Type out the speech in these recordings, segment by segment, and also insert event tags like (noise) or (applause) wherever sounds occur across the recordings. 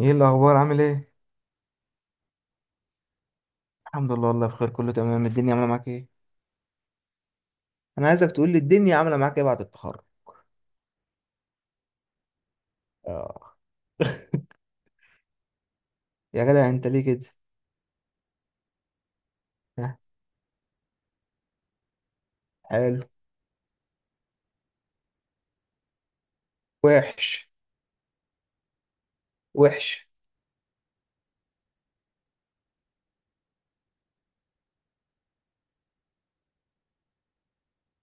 ايه الاخبار؟ عامل ايه؟ الحمد لله، والله بخير، كله تمام. الدنيا عامله معاك ايه؟ انا عايزك تقول لي الدنيا عامله معاك ايه بعد التخرج. آه. يا جدع انت ليه كده؟ ها. حلو. وحش. وحش.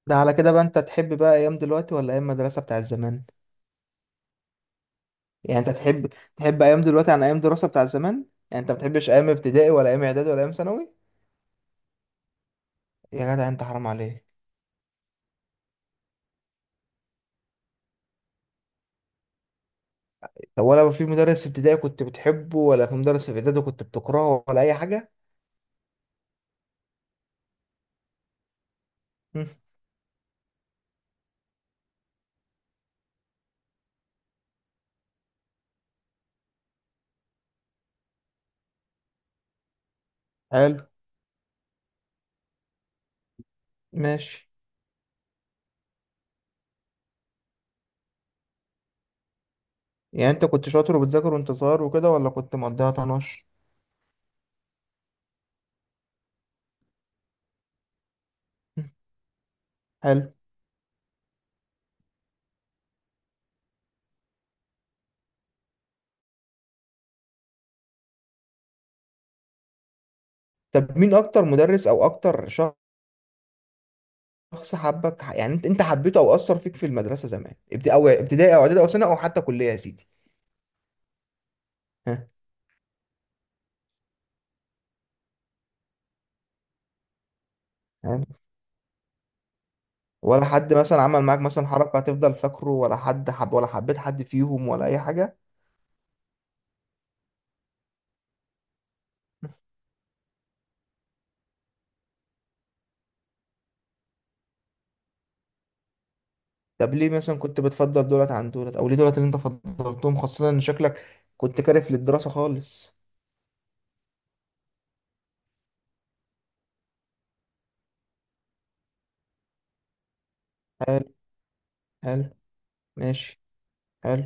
ده على كده بقى، انت تحب بقى ايام دلوقتي ولا ايام مدرسه بتاع زمان؟ يعني انت تحب، تحب ايام دلوقتي عن ايام دراسه بتاع زمان؟ يعني انت ما بتحبش ايام ابتدائي ولا ايام اعدادي ولا ايام ثانوي؟ يا جدع انت حرام عليك. طب ولا في مدرس في ابتدائي كنت بتحبه ولا في مدرس في اعدادي كنت بتكرهه ولا اي حاجه؟ هم، حلو. ماشي. يعني انت كنت شاطر وبتذاكر وانت صغير وكده ولا كنت مقضيها طناش؟ حلو. طب مين اكتر مدرس او اكتر شخص حبك، يعني انت حبيته او اثر فيك في المدرسه زمان، او ابتدائي او اعدادي او ثانوي او حتى كليه يا سيدي؟ ها. يعني ولا حد مثلا عمل معاك مثلا حركه هتفضل فاكره، ولا حد حب ولا حبيت حد فيهم ولا اي حاجه؟ طب ليه مثلا كنت بتفضل دولت عن دولت، او ليه دولت اللي انت فضلتهم خاصه ان شكلك كنت كارف للدراسه خالص؟ حلو. حلو. ماشي. حلو.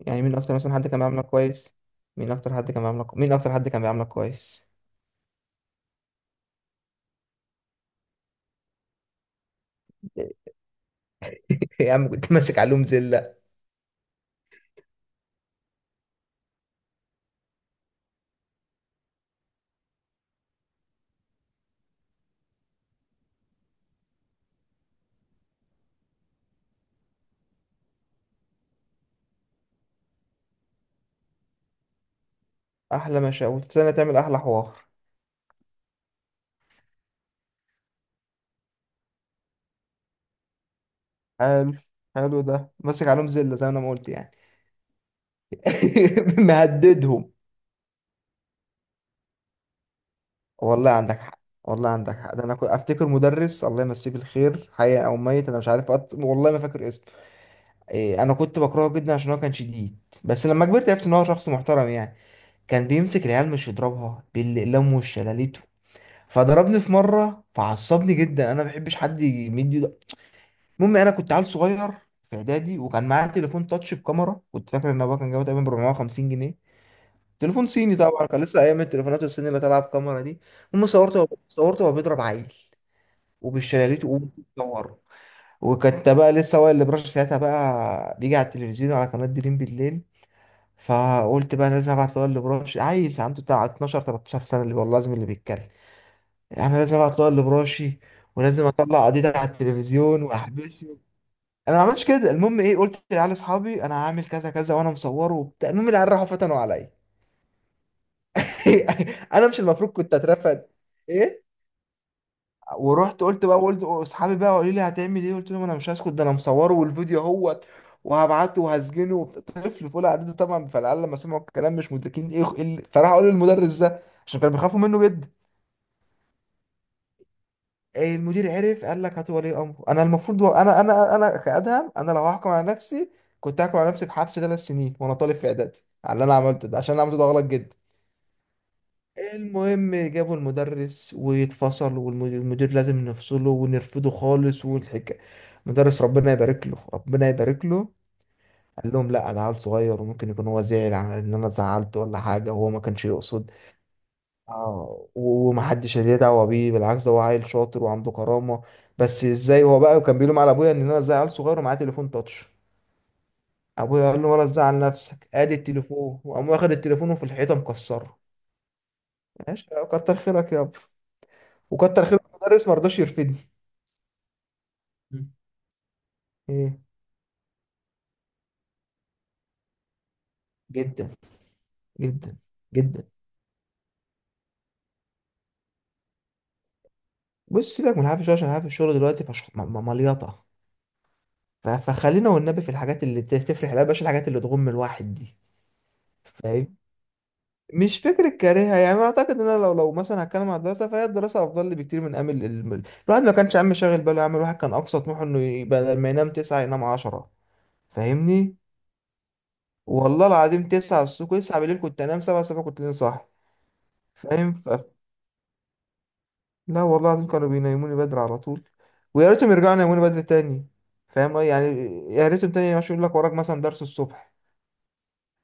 يعني مين اكتر مثلا حد كان بيعاملك كويس؟ مين اكتر حد كان بيعاملك؟ مين اكتر حد كان بيعاملك كويس؟ (laughs) يا عم كنت ماسك علوم زله. احلى مشاوي في سنه تعمل احلى حوار. حلو. حلو. ده ماسك علوم زله زي ما انا ما قلت يعني. (laughs) مهددهم. والله عندك حق، والله عندك حق. ده انا كنت افتكر مدرس، الله يمسيه بالخير حي او ميت انا مش عارف، والله ما فاكر اسمه. إيه، انا كنت بكرهه جدا عشان هو كان شديد. بس لما كبرت عرفت ان هو شخص محترم يعني. كان بيمسك العيال مش يضربها باللم والشلاليت. فضربني في مره فعصبني جدا، انا ما بحبش حد يمد ايده. المهم انا كنت عيل صغير في اعدادي، وكان معايا تليفون تاتش بكاميرا كنت فاكر ان ابويا كان جايبه تقريبا ب 450 جنيه. تليفون صيني طبعا، كان لسه ايام التليفونات الصيني اللي طالعه بكاميرا دي. المهم صورته وهو بيضرب عيل وبالشلاليت، وقوم بيصوره. وكنت بقى لسه هو اللي براش ساعتها بقى بيجي على التلفزيون على قناه دريم بالليل. فقلت بقى أنا لازم ابعت هو اللي براش، عيل عنده بتاع 12 13 سنه اللي والله لازم، اللي بيتكلم انا لازم اطلع اللي براشي، ولازم اطلع قضيتي على التلفزيون واحبسه. انا ما عملتش كده. المهم ايه، قلت لعيال اصحابي انا هعمل كذا كذا وانا مصوره وبتاع. المهم العيال راحوا فتنوا عليا. (laughs) انا مش المفروض كنت اترفد. ايه. ورحت قلت بقى، قلت اصحابي بقى، قالوا لي هتعمل ايه؟ قلت لهم انا مش هسكت، ده انا مصوره والفيديو اهوت، وهبعته وهسجنه وبتاع. طفل في اولى اعدادي طبعا. فالعيال لما سمعوا الكلام مش مدركين ايه، فراحوا قالوا للمدرس ده عشان كانوا بيخافوا منه جدا. المدير عرف، قال لك هات ولي امره. انا المفروض انا كادهم. انا لو هحكم على نفسي، كنت هحكم على نفسي بحبس ثلاث سنين وانا طالب في اعدادي، على اللي انا عملته ده، عشان انا عملته ده غلط جدا. المهم جابوا المدرس ويتفصل والمدير لازم نفصله ونرفضه خالص والحكاية. المدرس ربنا يبارك له، ربنا يبارك له، قال لهم لا ده عيل صغير وممكن يكون هو زعل على ان انا زعلته ولا حاجه وهو ما كانش يقصد. اه ومحدش ليه دعوه بيه، بالعكس ده هو عيل شاطر وعنده كرامه. بس ازاي هو بقى، وكان بيلوم على ابويا ان انا ازاي عيل صغير ومعاه تليفون تاتش. ابويا قال له ولا تزعل نفسك، ادي التليفون، وقام واخد التليفون وفي الحيطه مكسره. ماشي. آه، كتر خيرك يابا. وكتر خيرك المدرس ما رضاش يرفدني. مم. ايه. جدا. جدا. جدا. بص سيبك من الحافي شويه، عشان الحافي الشغل دلوقتي مليطه. فخلينا والنبي في الحاجات اللي تفرح، لا بلاش الحاجات اللي تغم الواحد. دي مش فكرة كارهها يعني، أنا أعتقد إن أنا لو مثلا هتكلم عن الدراسة فهي الدراسة أفضل لي بكتير من أمل الواحد. ما كانش عم شاغل باله يعمل، واحد كان أقصى طموحه إنه يبقى لما ينام تسعة ينام عشرة. فاهمني؟ والله العظيم تسعة الصبح تسعة بالليل كنت أنام، سبعة الصبح كنت لين صاحي. فاهم؟ لا والله العظيم كانوا بينيموني بدري على طول، ويا ريتهم يرجعوا ينيموني بدري تاني. فاهم يعني، يا ريتهم تاني مش يقول لك وراك مثلا درس الصبح.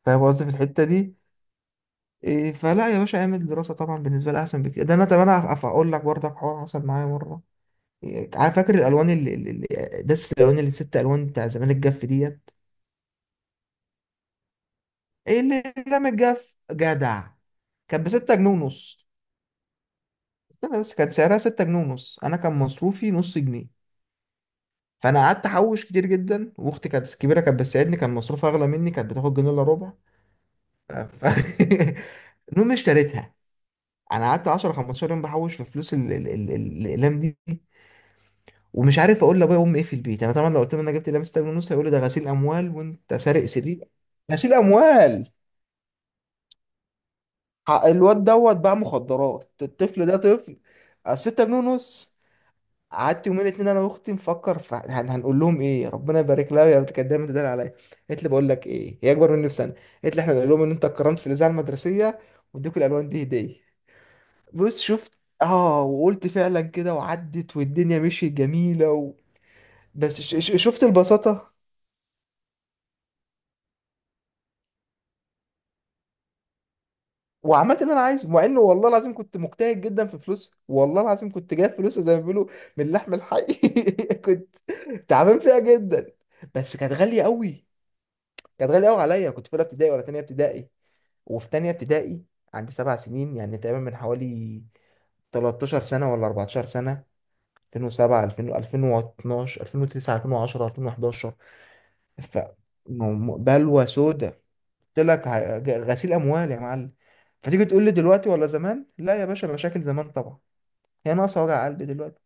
فاهم قصدي في الحتة دي؟ إيه، فلا يا باشا، اعمل دراسة طبعا بالنسبة لي أحسن بكتير. ده أنا طب أنا هقول لك برضك حوار حصل معايا مرة. إيه، عارف فاكر الألوان دس الألوان اللي ست ألوان بتاع زمان، الجاف ديت؟ إيه، اللي رمى الجاف جدع. كان بستة جنيه ونص. استنى بس، كان سعرها ستة جنيه ونص، أنا كان مصروفي نص جنيه. فأنا قعدت أحوش كتير جدا، وأختي كانت كبيرة كانت بتساعدني، كان مصروفها أغلى مني، كانت بتاخد جنيه إلا ربع. ف... ف- (laughs) المهم اشتريتها. انا قعدت 10 15 يوم بحوش في فلوس الاقلام دي، ومش عارف اقول لابويا وامي ايه في البيت. انا طبعا لو قلت لهم انا جبت لمسة جنيه ونص هيقولوا ده غسيل اموال وانت سارق سرير. غسيل اموال. الواد دوت باع مخدرات، الطفل ده طفل. آه، ستة جنيه ونص. قعدت يومين اتنين انا واختي نفكر في هنقول لهم ايه. ربنا يبارك لها يا بنت، كانت دايما تدل عليا. قالت لي بقول لك ايه، هي اكبر مني بسنه، قالت لي احنا نقول لهم ان انت اتكرمت في الاذاعه المدرسيه، واديكوا الالوان دي هديه. بص شفت، اه، وقلت فعلا كده، وعدت والدنيا مشيت جميله بس شفت البساطه. وعملت اللي انا عايزه، مع انه والله العظيم كنت مجتهد جدا في فلوس، والله العظيم كنت جايب فلوس زي ما بيقولوا من اللحم الحي. (laughs) كنت تعبان فيها جدا، بس كانت غاليه قوي. كانت غاليه قوي عليا، كنت في اولى ابتدائي ولا تانية ابتدائي. وفي تانية ابتدائي عندي سبع سنين يعني تقريبا، من حوالي 13 سنة ولا 14 سنة. 2007، 2000، 2012، 2009، 2010، 2011. ف م- بلوى سودة، قلت لك غسيل اموال يا معلم. فتيجي تقول لي دلوقتي ولا زمان؟ لا يا باشا، مشاكل زمان طبعا. هي ناقصه وجع قلبي دلوقتي؟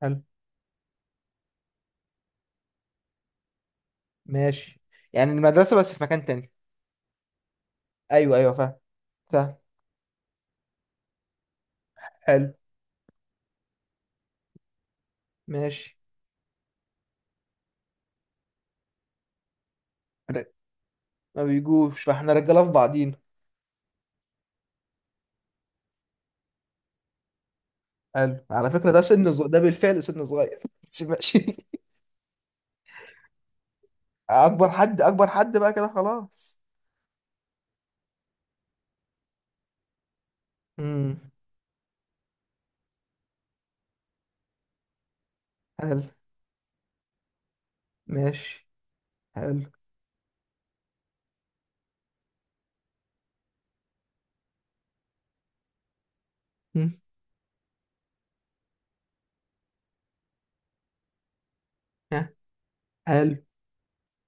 حلو. ماشي. يعني المدرسه بس في مكان تاني. ايوه ايوه، فاهم. فاهم. حلو. ماشي. ر- ما بيجوش، فاحنا رجاله في بعضينا. حلو. على فكره ده سن صغير، ده بالفعل سن صغير. (laughs) بس ماشي. اكبر حد، اكبر حد بقى كده خلاص. امم. حلو. ماشي. حلو. مم. ها. حلو.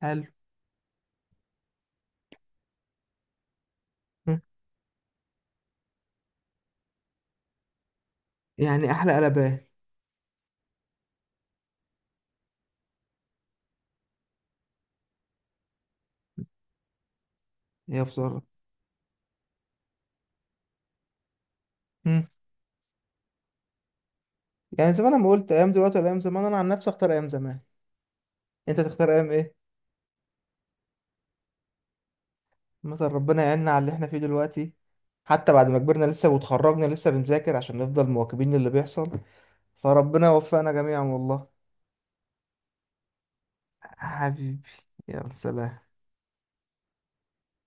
حلو. مم. يعني احلى قلبان. يا بصراحه، يعني زي ما انا ما قلت، ايام دلوقتي ولا ايام زمان، انا عن نفسي اختار ايام زمان. انت تختار ايام ايه؟ مثلا ربنا يعيننا على اللي احنا فيه دلوقتي. حتى بعد ما كبرنا لسه، وتخرجنا لسه بنذاكر عشان نفضل مواكبين للي بيحصل. فربنا يوفقنا جميعا والله. حبيبي. يا سلام.